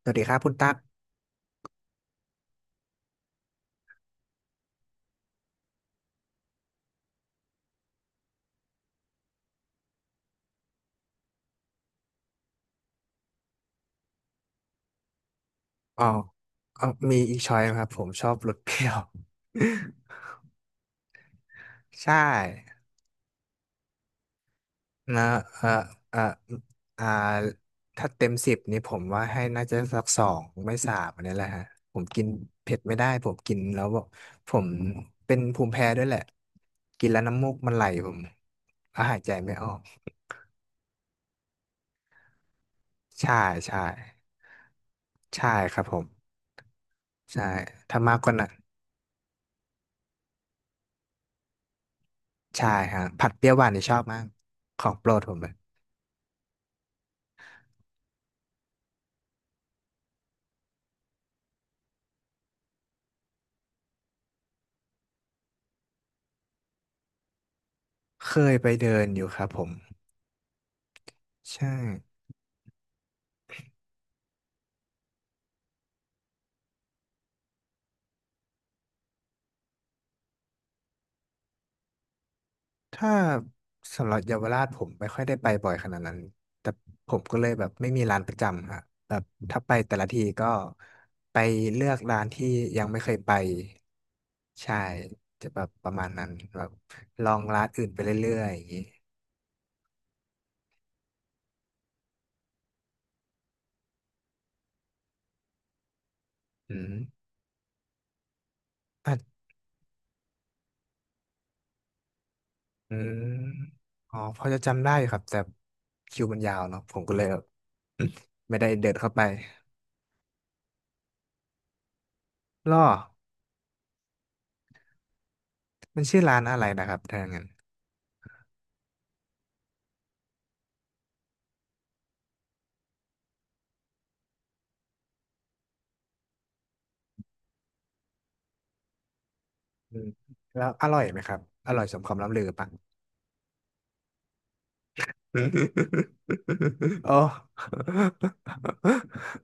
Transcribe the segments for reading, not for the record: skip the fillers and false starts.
สวัสดีครับคุณตั๊กอ๋อมีอีกช้อยนะครับผมชอบรสเปรี้ยว ใช่นะเออเอออ่าถ้าเต็มสิบนี่ผมว่าให้น่าจะสักสองไม่สามอันนี้แหละฮะ ผมกินเผ็ดไม่ได้ผมกินแล้วแบบผมเป็นภูมิแพ้ด้วยแหละ กินแล้วน้ำมูกมันไหลผมแล้วหายใจไม่ออก ใช่ใช่ใช่ครับผมใช่ถ้ามากกว่านั้นใช่ฮะผัดเปรี้ยวหวานนี่ชอบมาก ของโปรดผมเลย เคยไปเดินอยู่ครับผมใช่ถ้าสำหรับเยาวราชผมไม่ค่อยได้ไปบ่อยขนาดนั้นแต่ผมก็เลยแบบไม่มีร้านประจำฮะแบบถ้าไปแต่ละทีก็ไปเลือกร้านที่ยังไม่เคยไปใช่จะแบบประมาณนั้นแบบลองร้านอื่นไปเรื่อยๆอย่างนี้อืมอ่ะอืมอ๋อพอจะจำได้อยู่ครับแต่คิวมันยาวเนาะผมก็เลยแบบ ไม่ได้เดินเข้าไปล่อมันชื่อร้านอะไรนะครับถ้าอย่างนั้น อืมแล้วอร่อยไหมครับอร่อยสมคำล่ำลือปะ โอ้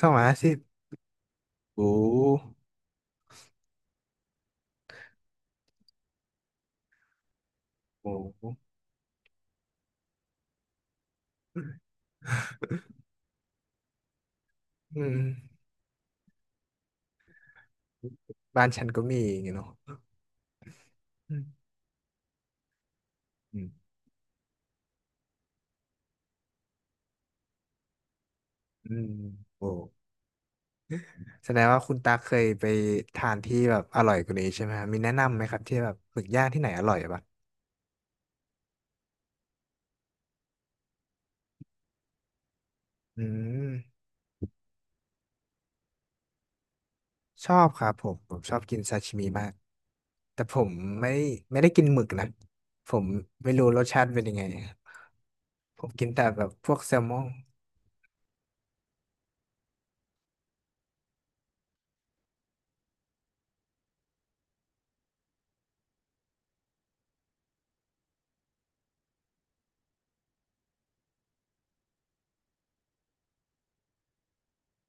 250โอ้โหอืมบ้านฉันก็มีอย่างเงี้ยเนาะอืมอืมอืมโอ้แสดงว่าคุณตาเคยไปทานที่แบบอร่อยกว่านี้ใช่ไหมฮะมีแนะนำไหมครับที่แบบหมึกย่างที่ไหนอร่อยปะอืม ชอบครับผมผมชอบกินซาชิมิมากแต่ผมไม่ไม่ได้กินหมึกนะผมไม่รู้รสชาติเป็นยังไงผมกินแต่แบบพวกแซลมอน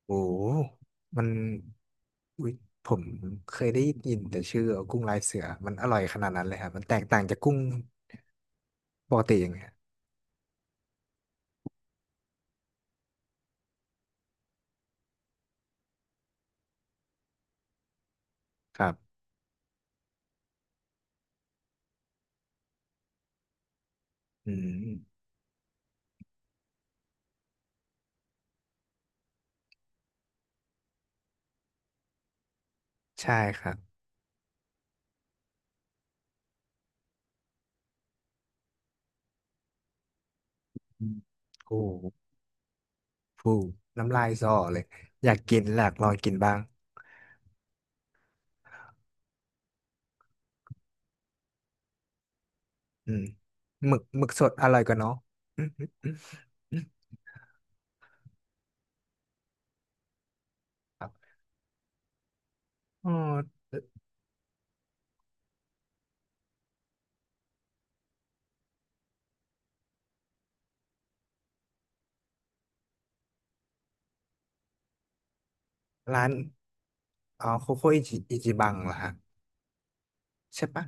โอ้โหมันอุ๊ยผมเคยได้ยินแต่ชื่อกุ้งลายเสือมันอร่อยขนาดนั้นเลยครับมันแตกต่างจากกุ้งปกติยังไงครับอืมใช่ครับอืมโอ้โหฟูน้ำลายสอเลยอยากกินอยากลองกินบ้างอืมหมึกสดอร่อยกว่าเนาะ ครับอ๋อร้านอ๋อโคโค่อิจิอิจิบังเหรอฮะใช่ปะ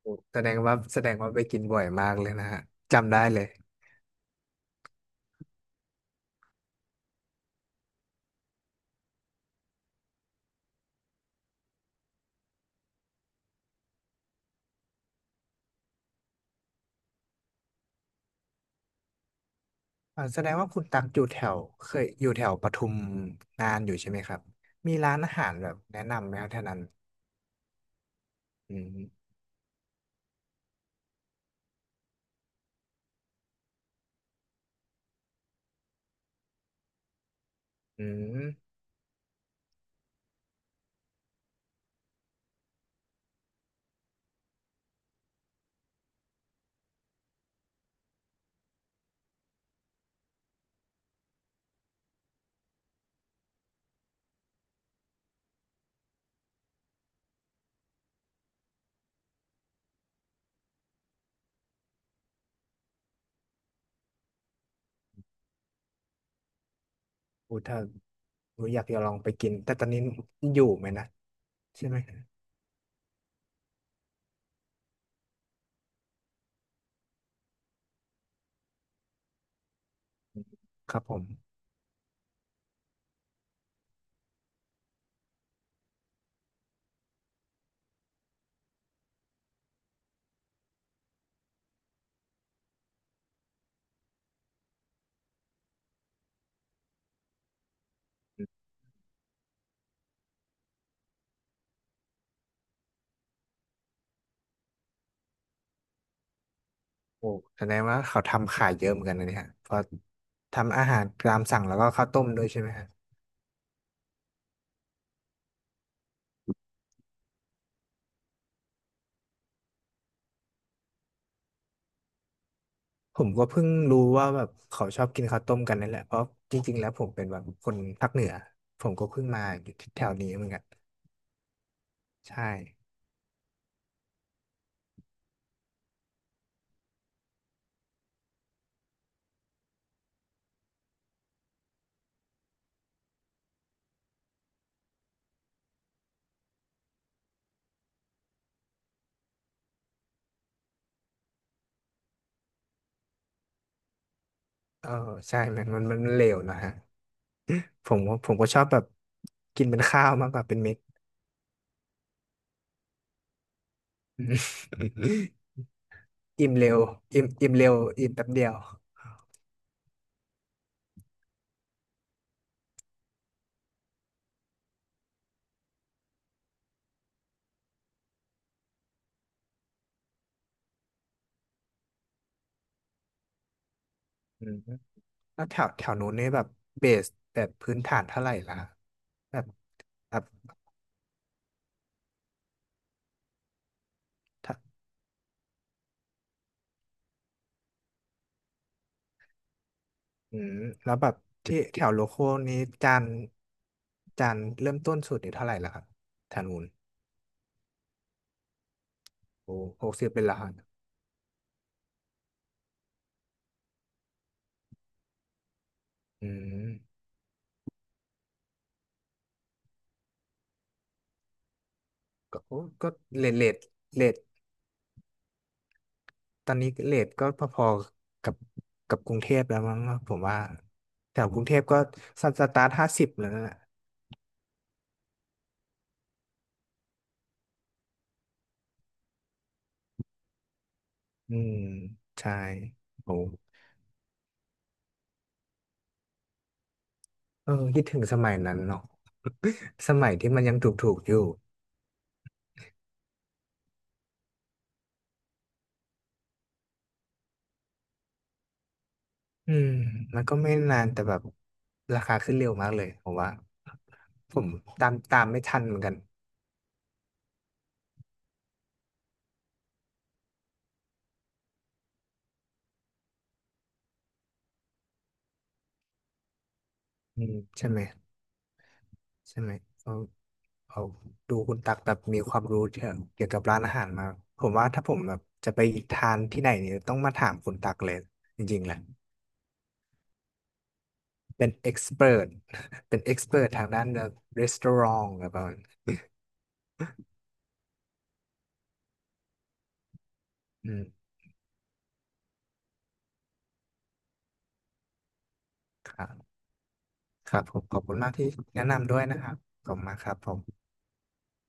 โอ้แสดงว่าแสดงว่าไปกินบ่อยมากเลยนะฮะจำได้เลยอ่าแสดงว่าคุณตักอยู่แถวเคยอยู่แถวปทุมนานอยู่ใช่ไหมครับมีร้านอาหารแบบแนะนำไหมครับแถวนั้นอืมอืมอูถ้าอูอยากจะลองไปกินแต่ตอนนี้อยู่ไหมนะใช่ไหมอืมครับผมโอ้แสดงว่าเขาทำขายเยอะเหมือนกันนะเนี่ยเพราะทำอาหารตามสั่งแล้วก็ข้าวต้มด้วยใช่ไหมฮะ ผมก็เพิ่งรู้ว่าแบบเขาชอบกินข้าวต้มกันนั่นแหละเพราะจริงๆแล้วผมเป็นแบบคนภาคเหนือผมก็เพิ่งมาอยู่ที่แถวนี้เหมือนกันใช่เออใช่มันมันมันเลวนะฮะผมก็ชอบแบบกินเป็นข้าวมากกว่าเป็นเม็ด อืมอิ่มเร็วอิ่มเร็วอิ่มแป๊บเดียวอืมแล้วแถวแถวนู้นเนี่ยแบบเบสแบบพื้นฐานเท่าไหร่ล่ะแบบแบบ อืมแล้วแบบที่แถวโลโก้นี้จานจานเริ่มต้นสุดนี่เท่าไหร่ล่ะครับทางนูนโอ้60เป็นละครับอืมก็โอ้ก็เลทเลทเลทตอนนี้เลทก็พอๆกับกรุงเทพแล้วมั้งผมว่าแถวกรุงเทพก็สตาร์ทห้าสิบแล้วนะอืมใช่โอ้เออคิดถึงสมัยนั้นเนาะ สมัยที่มันยังถูกๆอยู่ อืมมันก็ไม่นานแต่แบบราคาขึ้นเร็วมากเลยผมว่าผมตามไม่ทันเหมือนกันอืมใช่ไหมใช่ไหมเอาเอาดูคุณตักแบบมีความรู้เกี่ยวกับร้านอาหารมากผมว่าถ้าผมแบบจะไปทานที่ไหนเนี่ยต้องมาถามคุณตักเลยจริงๆแหละเป็นเอ็กซ์เพรส เป็นเอ็กซ์เพรสทางด้านแบบรีสตอรองแบบนั้นอืมครับครับผมขอบคุณมากที่แนะนำด้วยนะครับขอบคุณมากครับผม